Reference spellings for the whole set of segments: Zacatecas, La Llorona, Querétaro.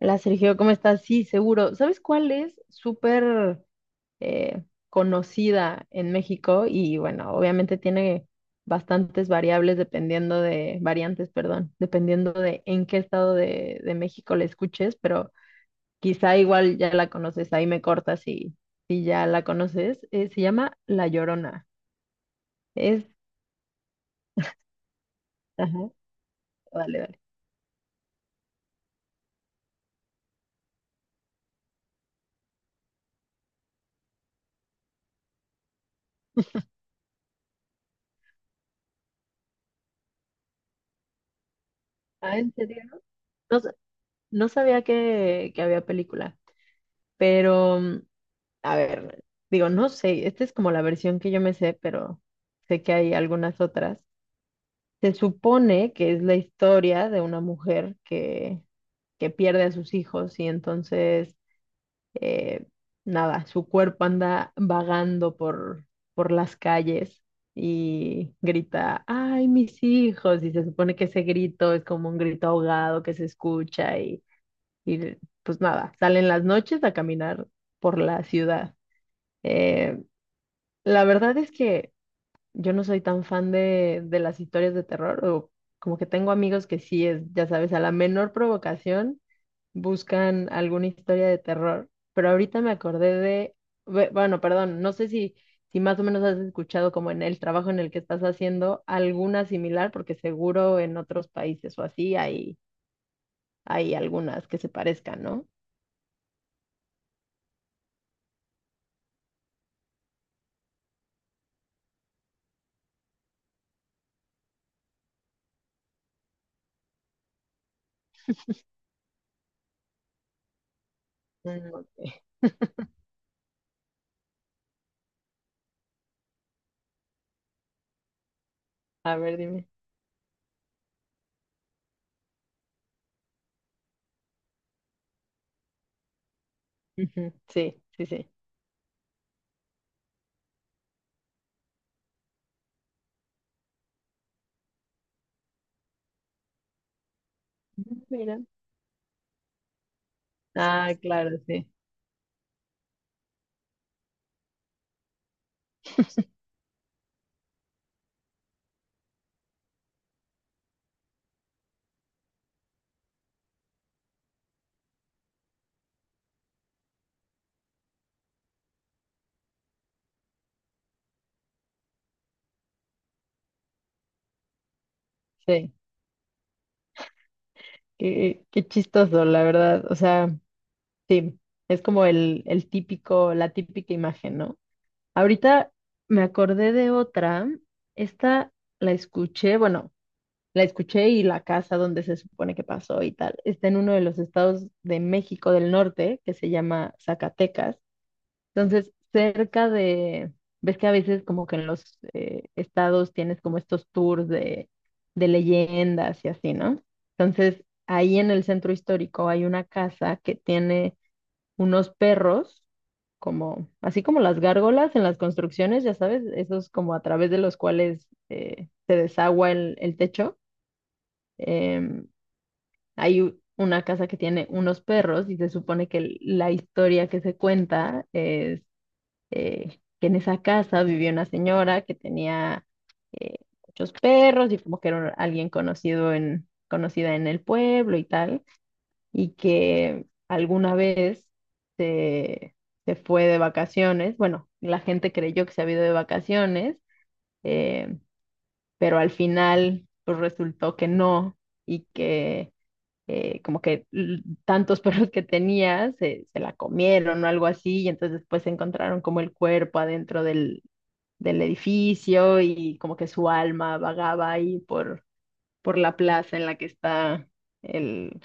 La Sergio, ¿cómo estás? Sí, seguro. ¿Sabes cuál es? Súper eh, conocida en México y bueno, obviamente tiene bastantes variables variantes, perdón, dependiendo de en qué estado de México la escuches, pero quizá igual ya la conoces, ahí me cortas si ya la conoces. Se llama La Llorona. Es, ajá, dale, dale. Ah, ¿en serio? No, no sabía que había película, pero... a ver, digo, no sé, esta es como la versión que yo me sé, pero sé que hay algunas otras. Se supone que es la historia de una que pierde a sus hijos y entonces, eh, nada, su cuerpo anda vagando por las calles y grita, ¡ay, mis hijos! Y se supone que ese grito es como un grito ahogado que se escucha y pues nada, salen las noches a caminar por la ciudad. Eh, La verdad es que yo no soy tan fan de las historias de terror, o como que tengo amigos que sí es, ya sabes, a la menor provocación buscan alguna historia de terror, pero ahorita me acordé de, bueno, perdón, no sé si más o menos has escuchado como en el trabajo en el que estás haciendo alguna similar, porque seguro en otros países o así hay, hay algunas que se parezcan, ¿no? Mm, ok. A ver, dime. Ujú, sí, sí, sí. Mira. Ah, claro, sí, sí. Qué, qué chistoso, la verdad. O sea, sí, es como el típico, la típica imagen, ¿no? Ahorita me acordé de otra. Esta la escuché, bueno, la escuché y la casa donde se supone que pasó y tal. Está en uno de los estados de México del Norte, que se llama Zacatecas. Entonces, cerca de, ves que a veces como que en los estados tienes como estos tours de leyendas y así, ¿no? Entonces, ahí en el centro histórico hay una casa que tiene unos perros, como, así como las gárgolas en las construcciones, ya sabes, esos como a través de los cuales se desagua el techo. Em, Hay una casa que tiene unos perros y se supone que la historia que se cuenta es que en esa casa vivía una señora que tenía eh, muchos perros y como que era alguien conocida en el pueblo y tal, y que alguna vez se, se fue de vacaciones, bueno, la gente creyó que se había ido de vacaciones, eh, pero al final pues resultó que no y que... como que tantos perros que tenía se, se la comieron o algo así, y entonces después encontraron como el cuerpo adentro del edificio y como que su alma vagaba ahí por la plaza en la que está el,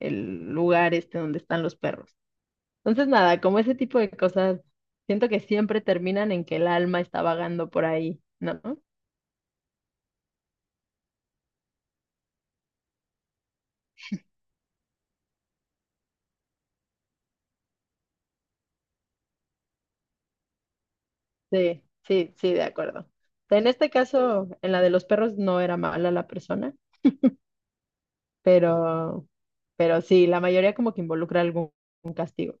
el lugar este donde están los perros. Entonces, nada, como ese tipo de cosas, siento que siempre terminan en que el alma está vagando por ahí, ¿no? Sí, sí, sí, de acuerdo. En este caso, en la de los perros no era mala la persona, pero, pero sí, la mayoría como que involucra algún algún castigo.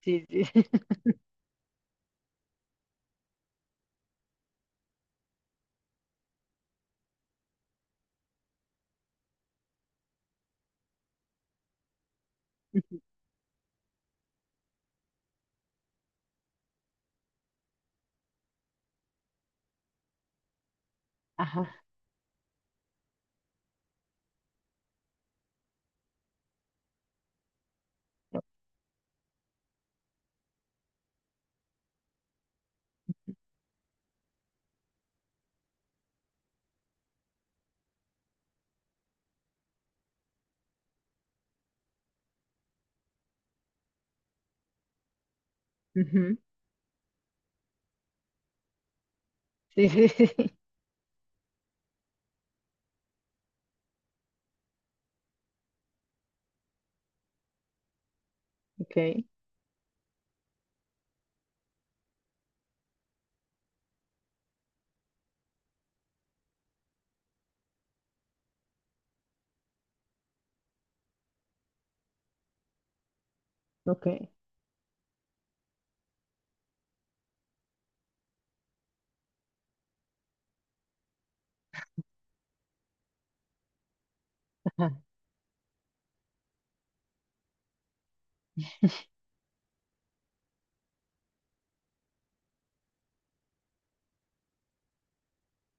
Sí, sí. Ajá. Ujú. Sí, sí, sí. Ok. Ok, ajá,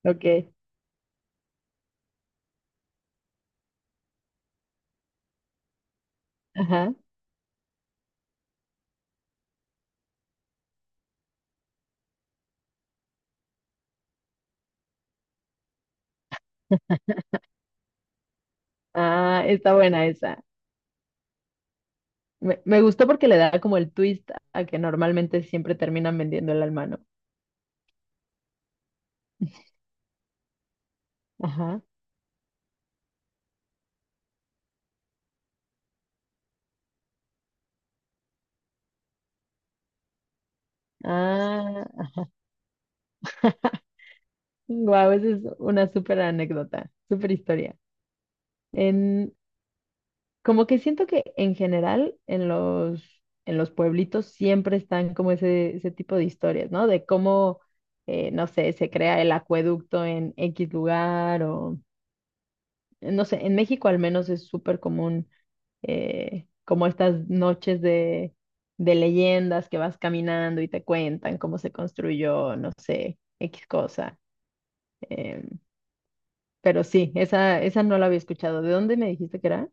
ok, ajá. Ah, está buena esa. Me gustó porque le da como el twist a que normalmente siempre terminan vendiendo el alma, ¿no? Ajá. Ah, wow, esa es una súper anécdota, súper historia. En, como que siento que en general en los pueblitos siempre están como ese tipo de historias, ¿no? De cómo, no sé, se crea el acueducto en X lugar o, no sé, en México al menos es súper común como estas noches de leyendas que vas caminando y te cuentan cómo se construyó, no sé, X cosa. Em, pero sí, esa no la había escuchado. ¿De dónde me dijiste que era?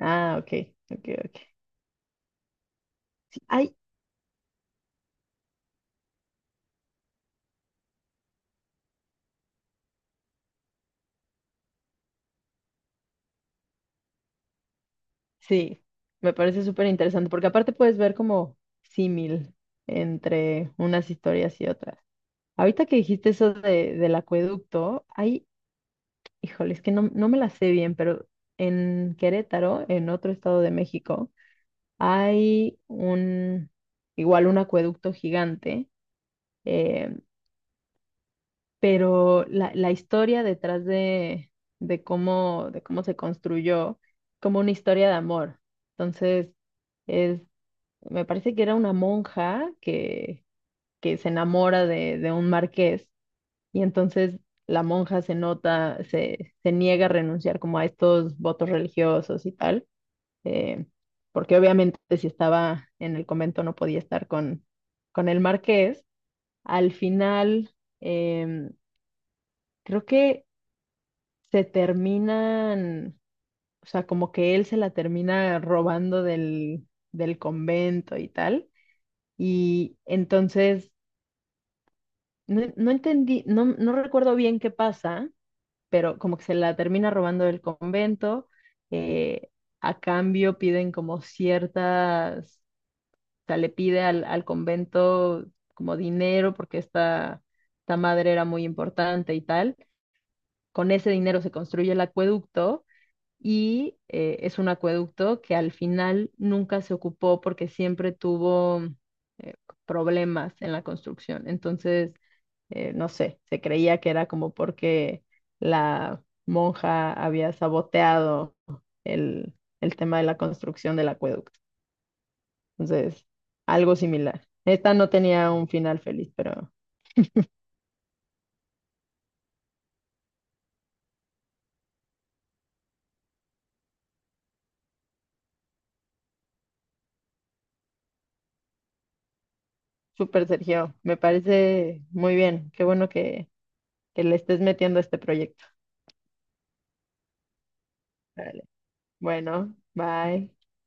Ah, ok, ok, ok. Sí, ay, sí, me parece súper interesante porque aparte puedes ver como símil entre unas historias y otras. Ahorita que dijiste eso de, del acueducto, ay, híjole, es que no, no me la sé bien, pero en Querétaro, en otro estado de México, hay un, igual un acueducto gigante, eh, pero la historia detrás de cómo se construyó, como una historia de amor. Entonces, es, me parece que era una que se enamora de un marqués y entonces la monja se nota, se niega a renunciar como a estos votos religiosos y tal eh, porque obviamente si estaba en el convento no podía estar con el marqués. Al final, em, creo que se terminan, o sea, como que él se la termina robando del convento y tal. Y entonces, no, no entendí, no, no recuerdo bien qué pasa, pero como que se la termina robando del convento. eh, a cambio piden como ciertas o sea, le pide al convento como dinero porque esta madre era muy importante y tal. Con ese dinero se construye el acueducto y es un acueducto que al final nunca se ocupó porque siempre tuvo eh, problemas en la construcción. Entonces, no sé, se creía que era como porque la monja había saboteado el, el tema de la construcción del acueducto. Entonces, algo similar. Esta no tenía un final feliz, pero súper Sergio, me parece muy bien. Qué bueno que le estés metiendo a este proyecto. Vale. Bueno, bye.